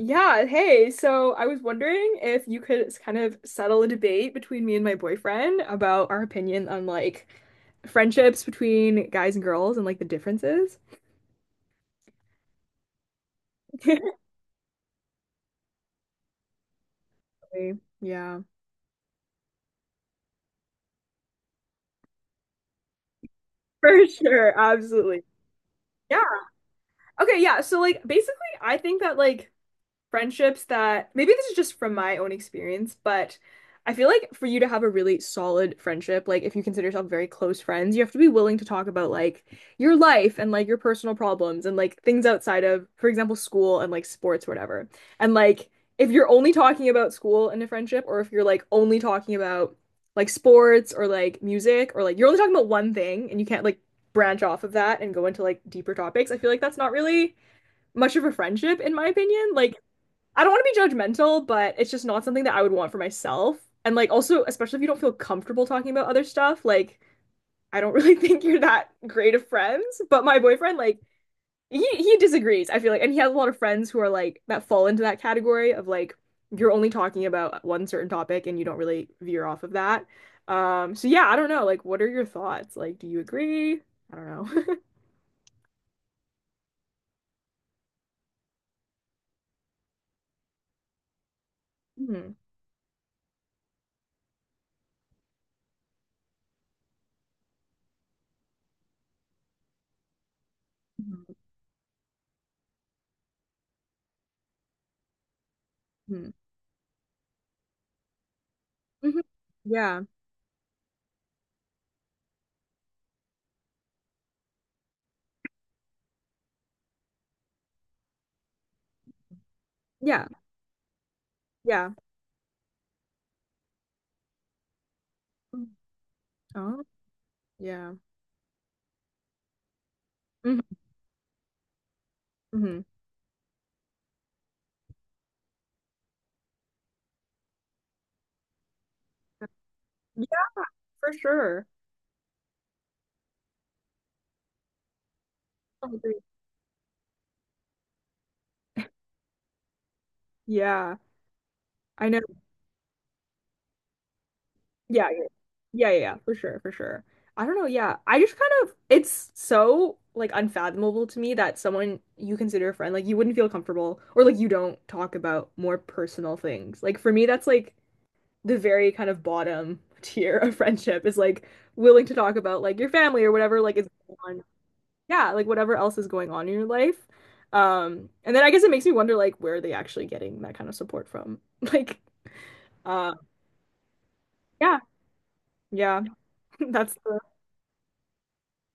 Yeah, hey, so I was wondering if you could kind of settle a debate between me and my boyfriend about our opinion on like friendships between guys and girls and like the differences. Really? Yeah, for sure, absolutely. Yeah. Okay, yeah. So like basically I think that like friendships that maybe this is just from my own experience, but I feel like for you to have a really solid friendship, like if you consider yourself very close friends, you have to be willing to talk about like your life and like your personal problems and like things outside of, for example, school and like sports or whatever. And like if you're only talking about school in a friendship, or if you're like only talking about like sports or like music, or like you're only talking about one thing and you can't like branch off of that and go into like deeper topics, I feel like that's not really much of a friendship in my opinion. Like I don't want to be judgmental, but it's just not something that I would want for myself. And like also, especially if you don't feel comfortable talking about other stuff, like I don't really think you're that great of friends. But my boyfriend, like he disagrees, I feel like, and he has a lot of friends who are like that fall into that category of like you're only talking about one certain topic and you don't really veer off of that. So yeah, I don't know. Like, what are your thoughts? Like, do you agree? I don't know. hmm hmm hmm Yeah. Yeah. Yeah. Oh, yeah. hmm Yeah, for sure. I agree. Yeah, I know. Yeah, yeah, yeah, yeah, yeah, for sure, for sure. I don't know. Yeah, I just kind of, it's so like unfathomable to me that someone you consider a friend, like you wouldn't feel comfortable or like you don't talk about more personal things. Like for me, that's like the very kind of bottom tier of friendship is like willing to talk about like your family or whatever, like is yeah, like whatever else is going on in your life. And then I guess it makes me wonder like where are they actually getting that kind of support from? Like, uh, yeah, yeah, that's the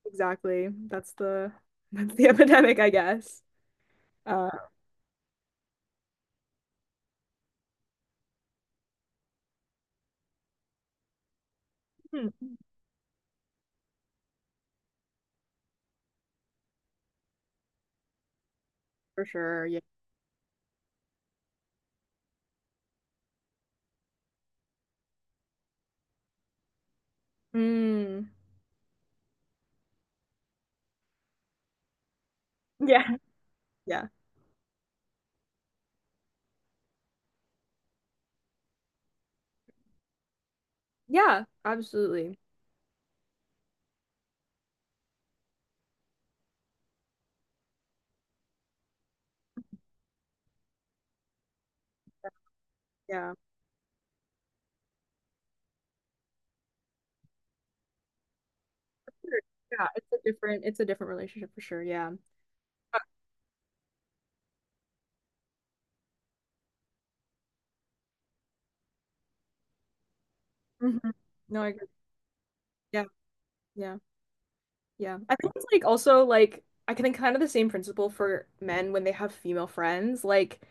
exactly that's the epidemic, I guess. Uh, hmm, for sure, yeah. Mm, yeah, yeah, yeah, absolutely, yeah, Sure, yeah. It's a different relationship for sure, yeah. Uh, mhm. No, I agree. Yeah, yeah. Yeah. I think it's like also like I can think kind of the same principle for men when they have female friends.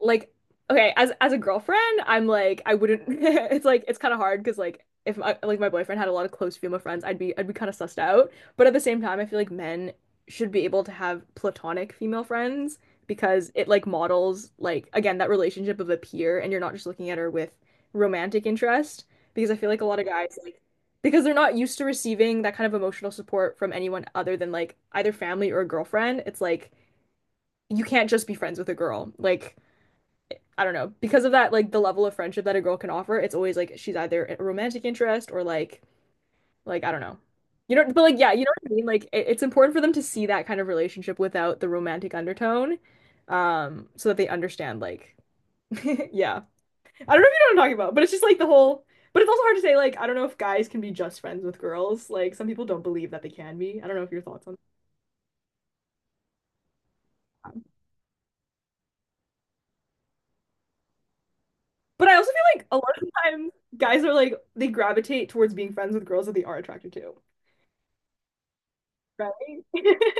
Like okay, as a girlfriend, I'm like I wouldn't it's like it's kind of hard because like if my, like my boyfriend had a lot of close female friends, I'd be kind of sussed out. But at the same time, I feel like men should be able to have platonic female friends because it like models like again that relationship of a peer and you're not just looking at her with romantic interest because I feel like a lot of guys like because they're not used to receiving that kind of emotional support from anyone other than like either family or a girlfriend. It's like you can't just be friends with a girl. Like I don't know, because of that, like the level of friendship that a girl can offer, it's always like she's either a romantic interest or like I don't know. You know, but like yeah, you know what I mean? Like it, it's important for them to see that kind of relationship without the romantic undertone, so that they understand like yeah. I don't know if you know what I'm talking about, but it's just like the whole but it's also hard to say like I don't know if guys can be just friends with girls. Like some people don't believe that they can be. I don't know if your thoughts on that. But I also feel like a lot of times guys are like they gravitate towards being friends with girls that they are attracted to. Right?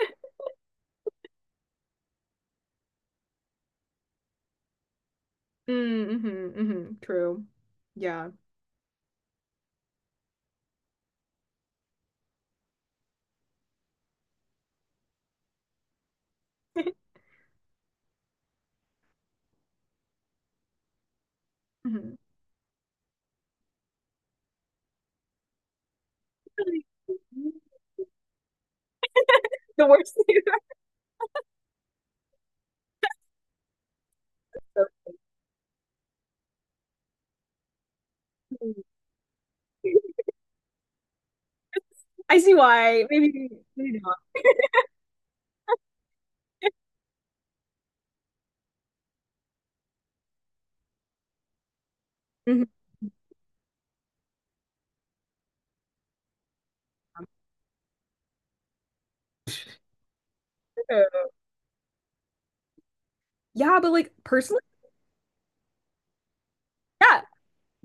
Hmm True. Yeah. hmm The worst thing about it. I see why. Maybe, maybe not. hmm Uh, Yeah, but like personally, yeah,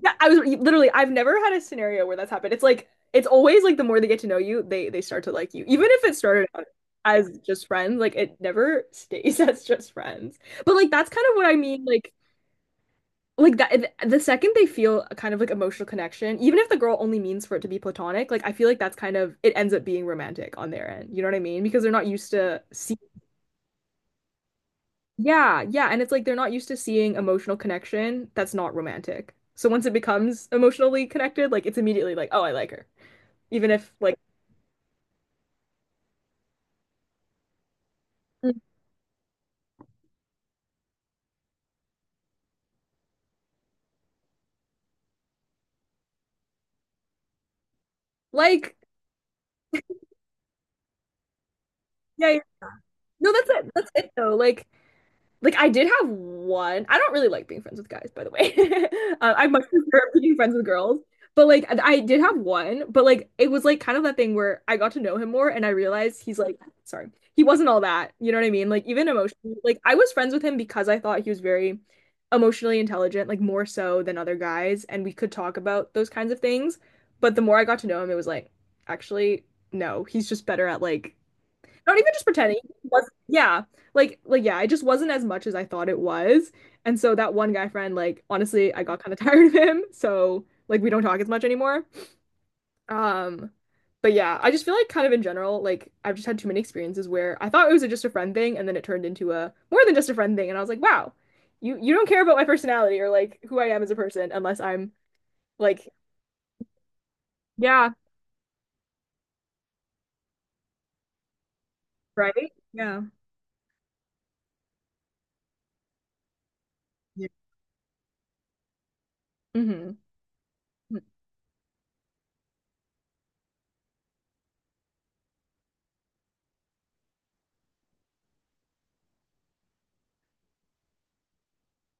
yeah. I was literally, I've never had a scenario where that's happened. It's like it's always like the more they get to know you, they start to like you, even if it started out as just friends. Like it never stays as just friends. But like that's kind of what I mean. Like that, the second they feel a kind of like emotional connection, even if the girl only means for it to be platonic, like I feel like that's kind of it ends up being romantic on their end. You know what I mean? Because they're not used to see, yeah, yeah, and it's like they're not used to seeing emotional connection that's not romantic. So once it becomes emotionally connected, like it's immediately like, oh, I like her, even if like, Mm. Like, yeah, yeah. No, that's it though. Like I did have one. I don't really like being friends with guys, by the way. I much prefer being friends with girls. But like I did have one, but like it was like kind of that thing where I got to know him more and I realized he's like, sorry, he wasn't all that. You know what I mean? Like even emotionally, like I was friends with him because I thought he was very emotionally intelligent, like more so than other guys, and we could talk about those kinds of things. But the more I got to know him, it was like, actually, no, he's just better at like not even just pretending. It was yeah, like yeah, it just wasn't as much as I thought it was. And so that one guy friend, like honestly, I got kind of tired of him. So like we don't talk as much anymore. Um, but yeah, I just feel like kind of in general, like I've just had too many experiences where I thought it was a, just a friend thing, and then it turned into a more than just a friend thing. And I was like, wow, you don't care about my personality or like who I am as a person unless I'm like yeah, right? Yeah. Yeah. hmm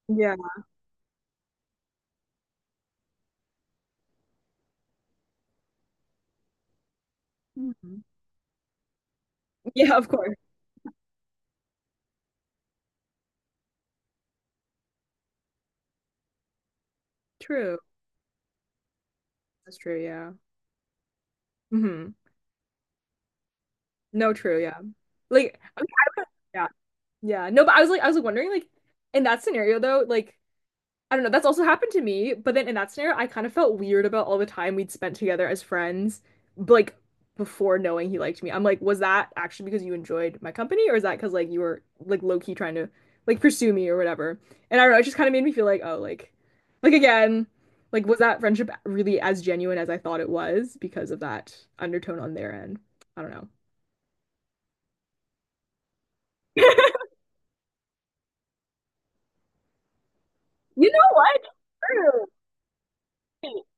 Yeah. Mhm. Yeah, of course. True. That's true, yeah. hmm No, true, yeah. Like, I mean, I would- yeah, yeah. No, but I was like wondering, like, in that scenario though, like, I don't know, that's also happened to me. But then in that scenario, I kind of felt weird about all the time we'd spent together as friends, like before knowing he liked me. I'm like, was that actually because you enjoyed my company, or is that because like you were like low key trying to like pursue me or whatever? And I don't know, it just kind of made me feel like, oh, like again, like was that friendship really as genuine as I thought it was because of that undertone on their end? I don't know. You know what? True.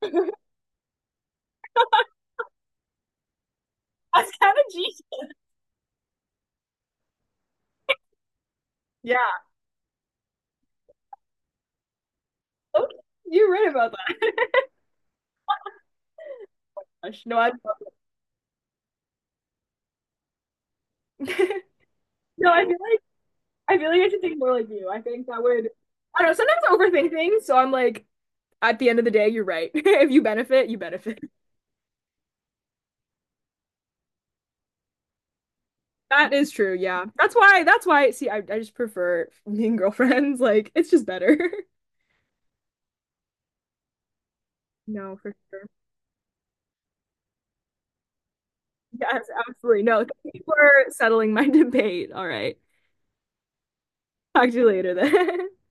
That's kind of genius. Yeah. Okay. You're right about that. No, I no, I feel like I feel like I should think more like you. I think that would I don't know, sometimes I overthink things, so I'm like, at the end of the day, you're right. If you benefit, you benefit. That is true, yeah. That's why see I just prefer being girlfriends. Like it's just better. No, for sure. Yes, absolutely. No, thank you for settling my debate. All right. Talk to you later then.